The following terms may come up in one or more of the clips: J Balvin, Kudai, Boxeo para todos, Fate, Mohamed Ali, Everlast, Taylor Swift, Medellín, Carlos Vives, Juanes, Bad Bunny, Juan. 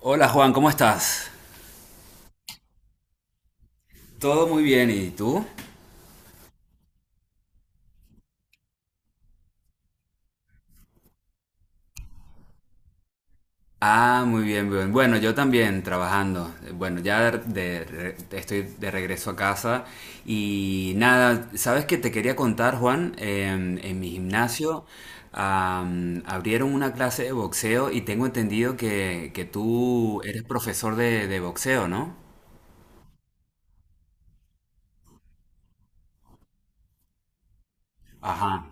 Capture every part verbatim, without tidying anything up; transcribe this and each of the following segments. Hola Juan, ¿cómo estás? Todo muy bien, ¿y tú? Ah, muy bien, bien. Bueno, yo también trabajando. Bueno, ya de- re- estoy de regreso a casa y nada, ¿sabes qué te quería contar, Juan? Em, en mi gimnasio am, abrieron una clase de boxeo y tengo entendido que, que tú eres profesor de, de boxeo, ¿no? Ajá.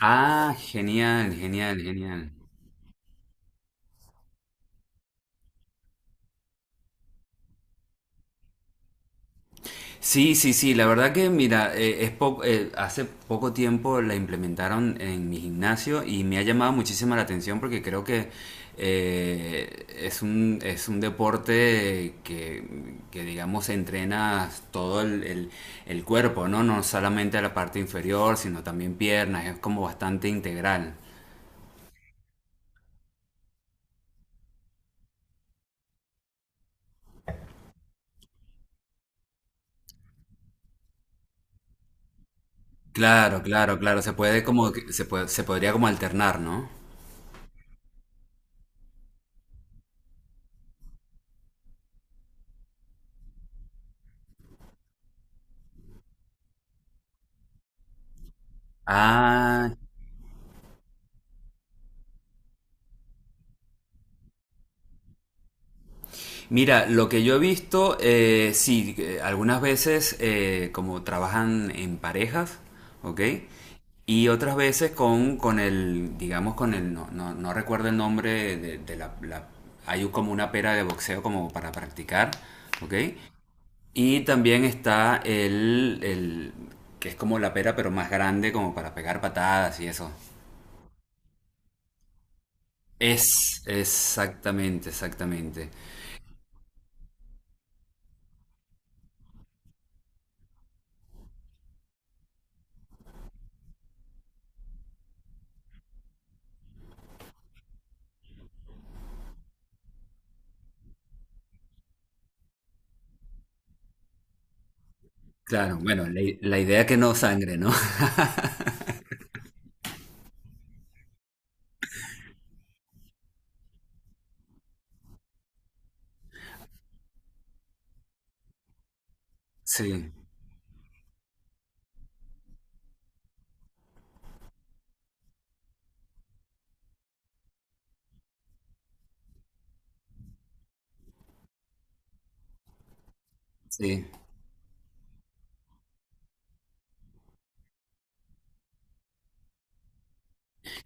Ah, genial, genial, genial. Sí, sí, sí, la verdad que mira, eh, es po- eh, hace poco tiempo la implementaron en mi gimnasio y me ha llamado muchísimo la atención porque creo que eh, es un, es un deporte que, que, digamos entrena todo el, el- el cuerpo, ¿no? No solamente la parte inferior, sino también piernas, es como bastante integral. Claro, claro, claro, se puede como, que- se puede- se podría como alternar, ¿no? Ah, mira, lo que yo he visto, eh, sí, que algunas veces eh, como trabajan en parejas, ¿ok? Y otras veces con, con el, digamos, con el, no, no, no recuerdo el nombre de, de la, la- hay como una pera de boxeo como para practicar, ¿ok? Y también está el, el, que es como la pera pero más grande como para pegar patadas y eso. Es, exactamente, exactamente. Claro, bueno, la, i- la idea es que no sangre, ¿no? Sí. Sí,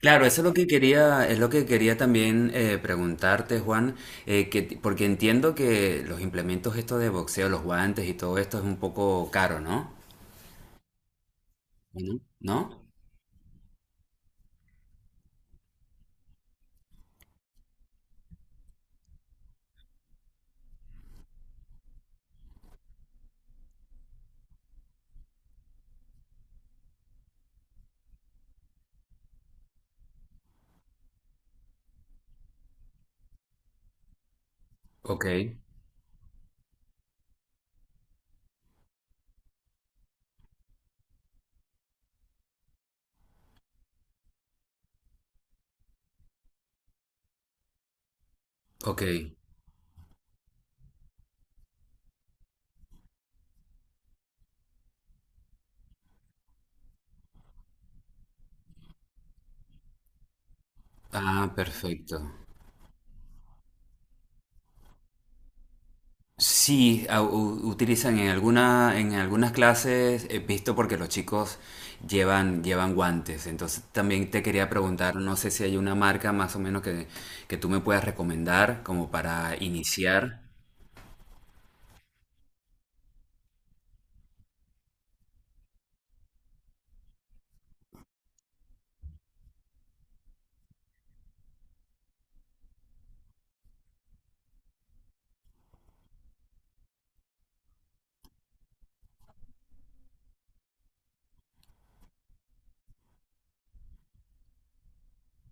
claro, eso es lo que quería, es lo que quería también eh, preguntarte, Juan, eh, que, ti- porque entiendo que los implementos estos de boxeo, los guantes y todo esto es un poco caro, ¿no? Bueno, ¿no? Ok, ok. Ah, perfecto. Sí, a- u- utilizan en alguna, en algunas clases, he visto porque los chicos llevan, llevan guantes. Entonces también te quería preguntar, no sé si hay una marca más o menos que, que tú me puedas recomendar como para iniciar.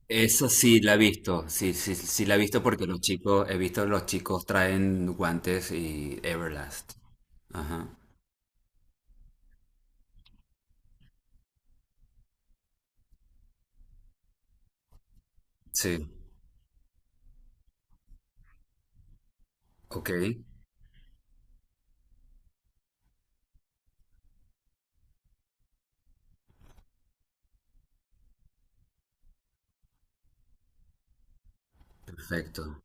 Eso sí la he visto, sí, sí, sí la he visto porque los chicos, he visto los chicos traen guantes y Everlast. Ajá. Sí, ok, perfecto.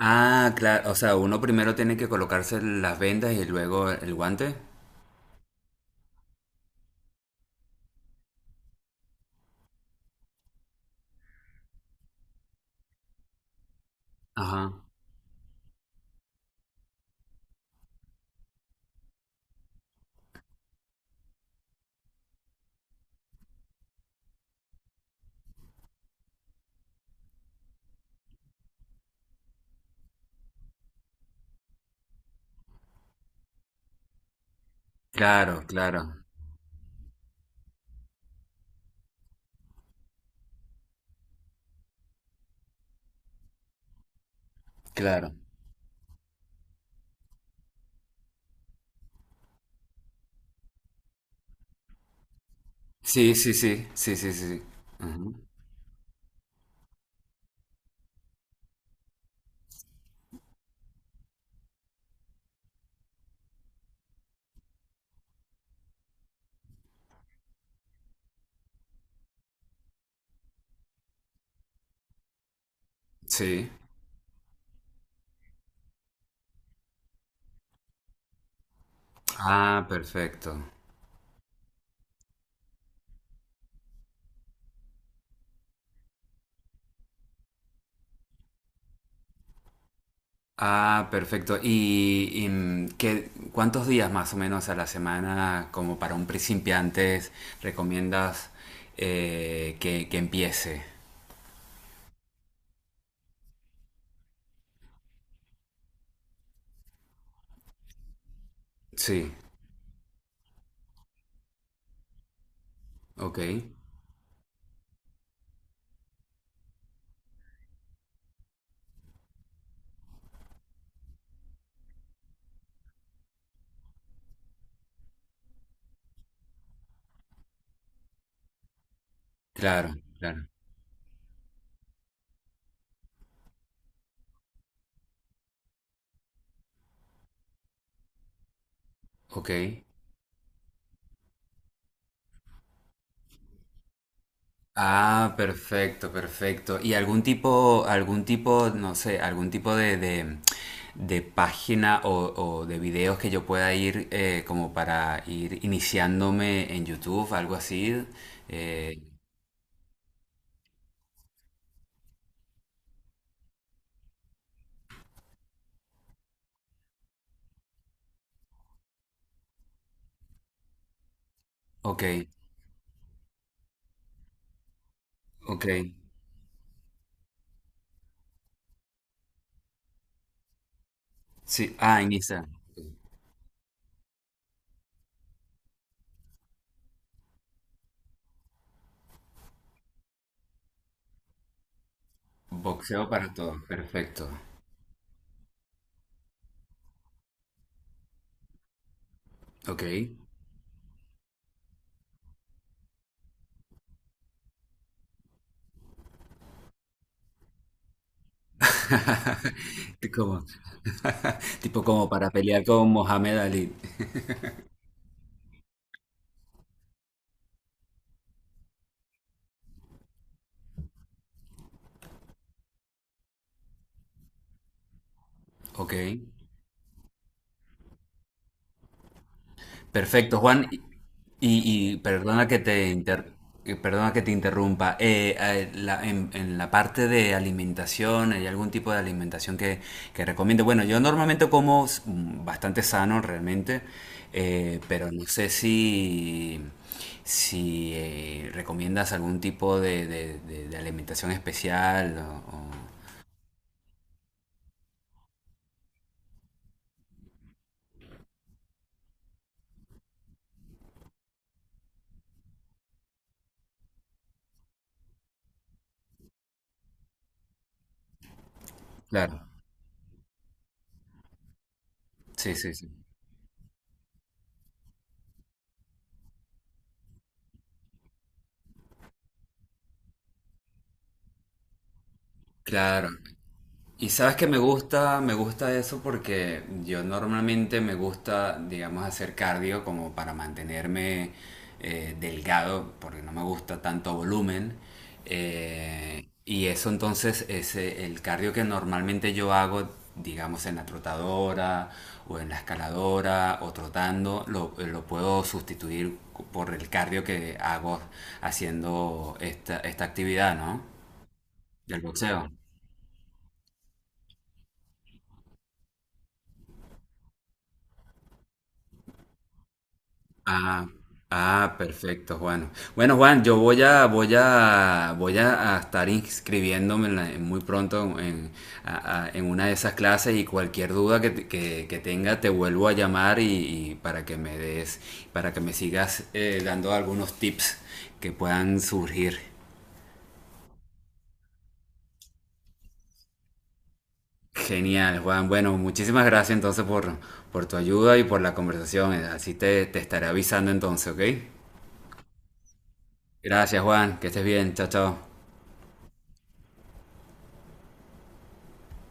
Ah, claro, o sea, uno primero tiene que colocarse las vendas y luego el guante. Ajá. Claro, claro, claro. Sí, sí, sí, sí, sí, sí, sí. Ujú. Sí. Ah, perfecto. Ah, perfecto. ¿Y, y, mm, qué, cuántos días más o menos a la semana, como para un principiante, recomiendas eh, que, que empiece? Sí, ok. Claro, claro. Ok. Ah, perfecto, perfecto. ¿Y algún tipo, algún tipo, no sé, algún tipo de, de, de página o, o de videos que yo pueda ir eh, como para ir iniciándome en YouTube, algo así? Eh, ok, ok. Sí, ah, inicia. Boxeo para Todos, perfecto. Ok. Como, tipo como para pelear con Mohamed Ali. Ok. Perfecto, Juan. Y, y perdona que te inter- eh, perdona que te interrumpa. Eh, eh, la- en, en la parte de alimentación, ¿hay algún tipo de alimentación que, que recomiende? Bueno, yo normalmente como s- mm, bastante sano realmente, eh, pero no sé si, si eh, recomiendas algún tipo de, de- de- de alimentación especial o- o- Claro, sí, sí, sí. Claro. Y sabes que me gusta, me gusta eso porque yo normalmente me gusta, digamos, hacer cardio como para mantenerme eh, delgado, porque no me gusta tanto volumen. Eh, y eso entonces es eh, el cardio que normalmente yo hago, digamos, en la trotadora o en la escaladora o trotando, lo, eh, lo puedo sustituir por el cardio que hago haciendo esta, esta actividad, ¿no? Del boxeo. Ah, ah, perfecto, Juan. Bueno, Juan, yo voy a, voy a, voy a a estar inscribiéndome en la- en muy pronto en, a- a- en una de esas clases y cualquier duda que, te- que- que tenga te vuelvo a llamar y, y para que me des, para que me sigas eh, dando algunos tips que puedan surgir. Genial, Juan. Bueno, muchísimas gracias entonces por, por tu ayuda y por la conversación. Así te, te estaré avisando entonces, ¿ok? Gracias, Juan. Que estés bien. Chao, chao.